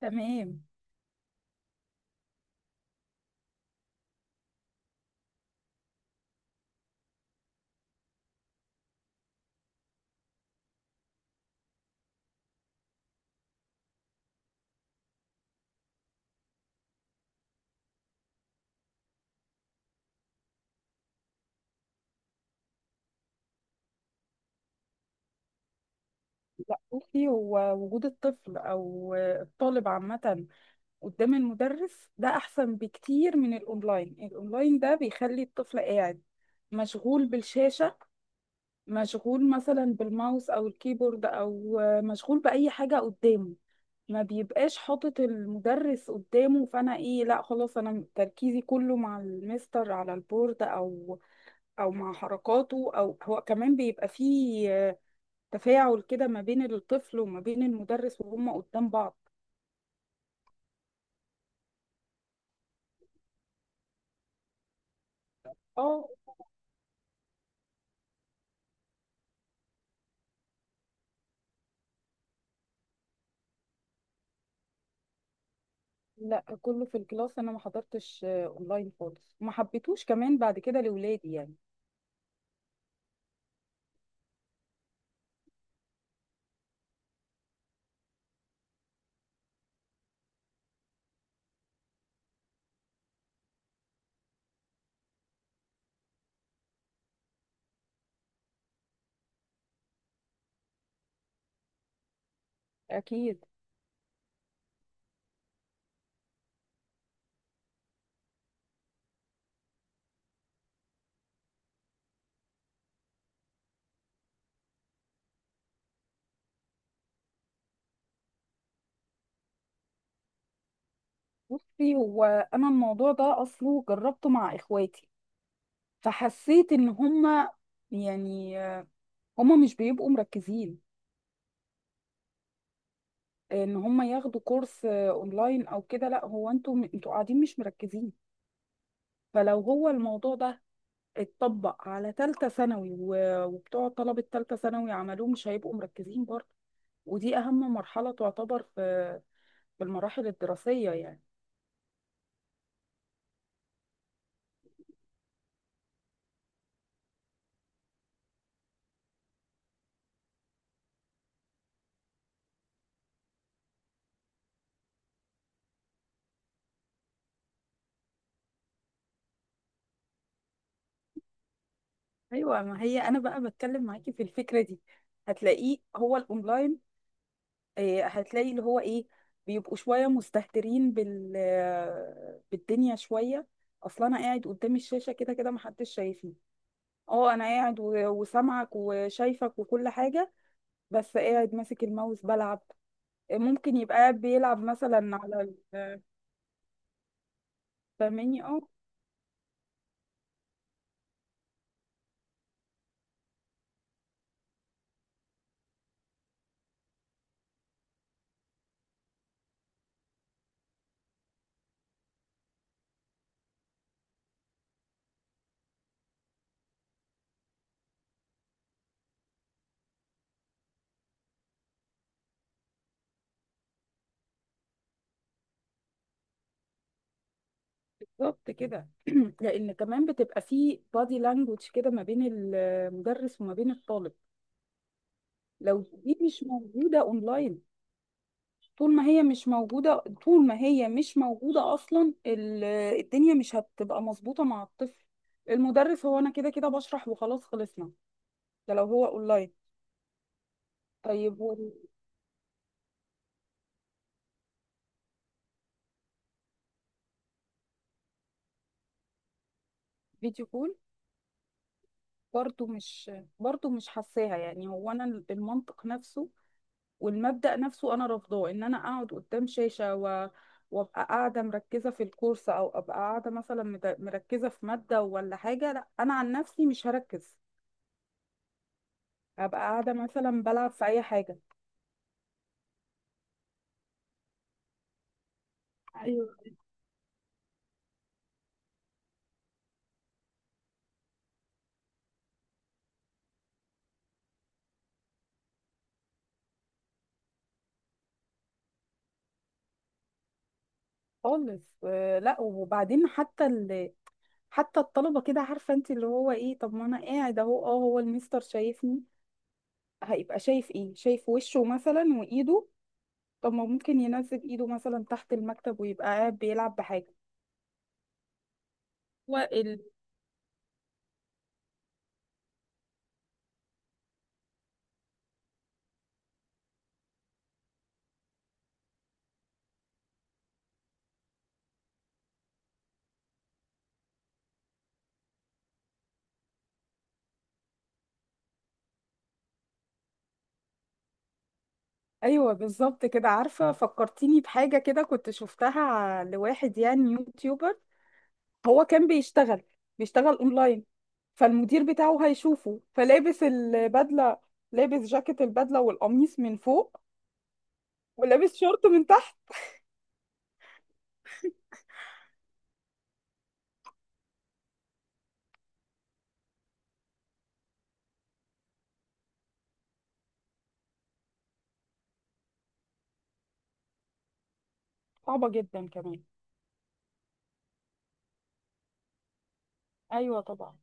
تمام. لا بصي، هو وجود الطفل او الطالب عامة قدام المدرس ده احسن بكتير من الاونلاين. الاونلاين ده بيخلي الطفل قاعد مشغول بالشاشة، مشغول مثلا بالماوس او الكيبورد، او مشغول بأي حاجة قدامه، ما بيبقاش حاطط المدرس قدامه. فانا ايه، لا خلاص، انا تركيزي كله مع المستر على البورد، او مع حركاته، او هو كمان بيبقى فيه تفاعل كده ما بين الطفل وما بين المدرس وهم قدام بعض. اه، لا كله في الكلاس، انا ما حضرتش اونلاين خالص، ما حبيتوش كمان بعد كده لاولادي يعني. اكيد. بصي، هو انا الموضوع ده اصله جربته مع اخواتي، فحسيت ان هم يعني هم مش بيبقوا مركزين ان هم ياخدوا كورس اونلاين او كده. لا، هو انتوا قاعدين مش مركزين. فلو هو الموضوع ده اتطبق على تالتة ثانوي وبتوع طلبة تالتة ثانوي عملوه مش هيبقوا مركزين برضه. ودي أهم مرحلة تعتبر في المراحل الدراسية يعني. أيوة، ما هي أنا بقى بتكلم معاكي في الفكرة دي. هتلاقيه هو الأونلاين هتلاقي اللي هو إيه، بيبقوا شوية مستهترين بالدنيا شوية. أصل أنا قاعد قدام الشاشة كده كده محدش شايفني. اه، انا قاعد وسامعك وشايفك وكل حاجه، بس قاعد ماسك الماوس بلعب، ممكن يبقى بيلعب مثلا على ال- فاهماني؟ اه. بالظبط كده لان كمان بتبقى في بادي لانجوج كده ما بين المدرس وما بين الطالب، لو دي مش موجوده اونلاين. طول ما هي مش موجوده اصلا الدنيا مش هتبقى مظبوطه مع الطفل. المدرس هو انا كده كده بشرح وخلاص خلصنا، ده لو هو اونلاين. طيب. والفيديو كول برضو مش برضو مش حاساها يعني، هو انا المنطق نفسه والمبدأ نفسه انا رافضاه، ان انا اقعد قدام شاشة وابقى قاعدة مركزة في الكورس، او ابقى قاعدة مثلا مركزة في مادة ولا حاجة. لا انا عن نفسي مش هركز، هبقى قاعدة مثلا بلعب في اي حاجة. ايوه. خالص، آه، لا وبعدين حتى الطلبة كده عارفة انت اللي هو ايه، طب ما انا قاعد اهو، اه هو المستر شايفني، هيبقى شايف ايه؟ شايف وشه مثلا وايده، طب ما ممكن ينزل ايده مثلا تحت المكتب ويبقى قاعد بيلعب بحاجة. ايوه بالظبط كده. عارفه فكرتيني بحاجه كده كنت شفتها لواحد يعني يوتيوبر، هو كان بيشتغل اونلاين، فالمدير بتاعه هيشوفه، فلابس البدله، لابس جاكيت البدله والقميص من فوق، ولابس شورت من تحت. صعبه جدا كمان. ايوه طبعا.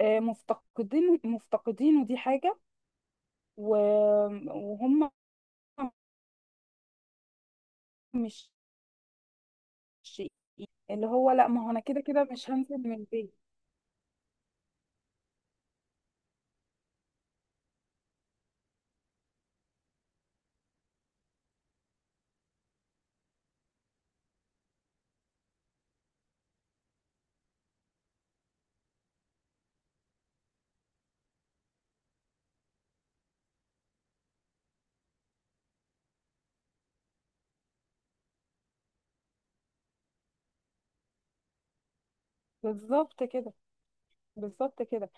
مفتقدينه دي حاجه. و... وهم مش، اللي هو لا، ما هو انا كده كده مش هنزل من البيت. بالظبط كده، بالظبط كده.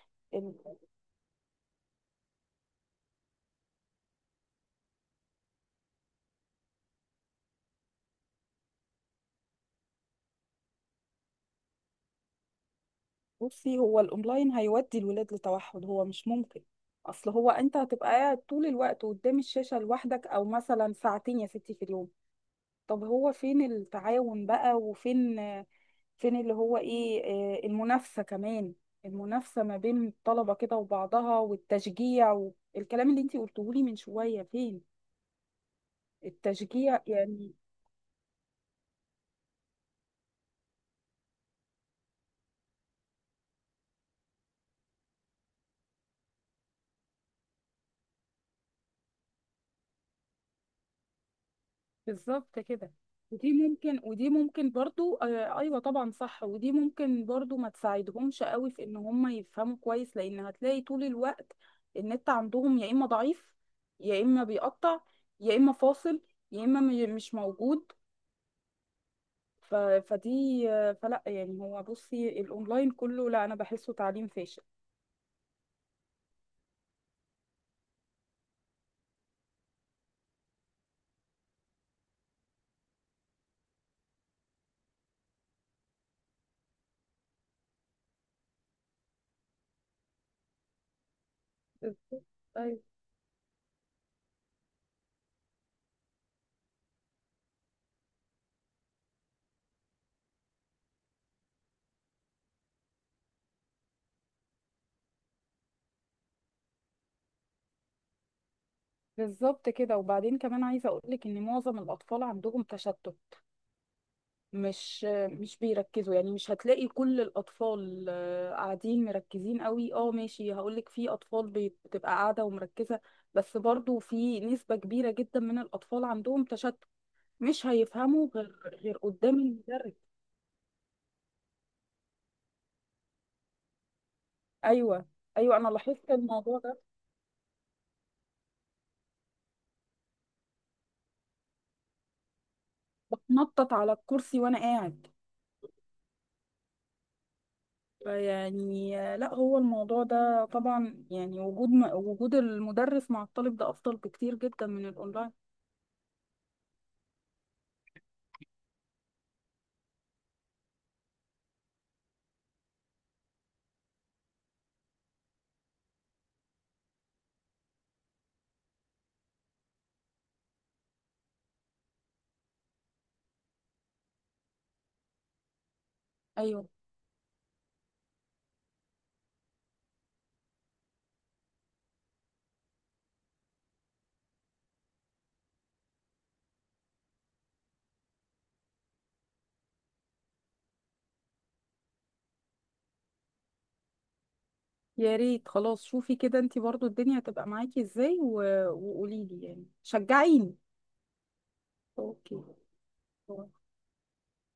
بصي، هو الاونلاين هيودي الولاد لتوحد، هو مش ممكن. اصل هو انت هتبقى قاعد طول الوقت قدام الشاشة لوحدك، او مثلا ساعتين يا ستي في اليوم. طب هو فين التعاون بقى، وفين اللي هو ايه المنافسة كمان، المنافسة ما بين الطلبة كده وبعضها، والتشجيع والكلام اللي انت قلتهولي من شوية، فين التشجيع يعني. بالظبط كده. ودي ممكن برضو، آه ايوه طبعا صح، ودي ممكن برضو ما تساعدهمش قوي في ان هم يفهموا كويس، لان هتلاقي طول الوقت النت عندهم، يا اما ضعيف، يا اما بيقطع، يا اما فاصل، يا اما مش موجود. فدي فلا يعني، هو بصي الاونلاين كله لا، انا بحسه تعليم فاشل. بالظبط. أيوة. بالظبط كده، وبعدين كمان عايزه اقول لك ان معظم الاطفال عندهم تشتت، مش مش بيركزوا يعني. مش هتلاقي كل الأطفال قاعدين مركزين قوي، اه ماشي، هقولك في أطفال بتبقى قاعدة ومركزة، بس برضو في نسبة كبيرة جدا من الأطفال عندهم تشتت، مش هيفهموا غير قدام المدرس. أيوة، أيوة أنا لاحظت الموضوع ده. بتنطط على الكرسي وأنا قاعد. فيعني لا هو الموضوع ده طبعا يعني وجود وجود المدرس مع الطالب ده أفضل بكتير جدا من الأونلاين. أيوة، يا ريت خلاص، شوفي كده انتي برضو الدنيا هتبقى معاكي ازاي وقوليلي يعني شجعيني. اوكي.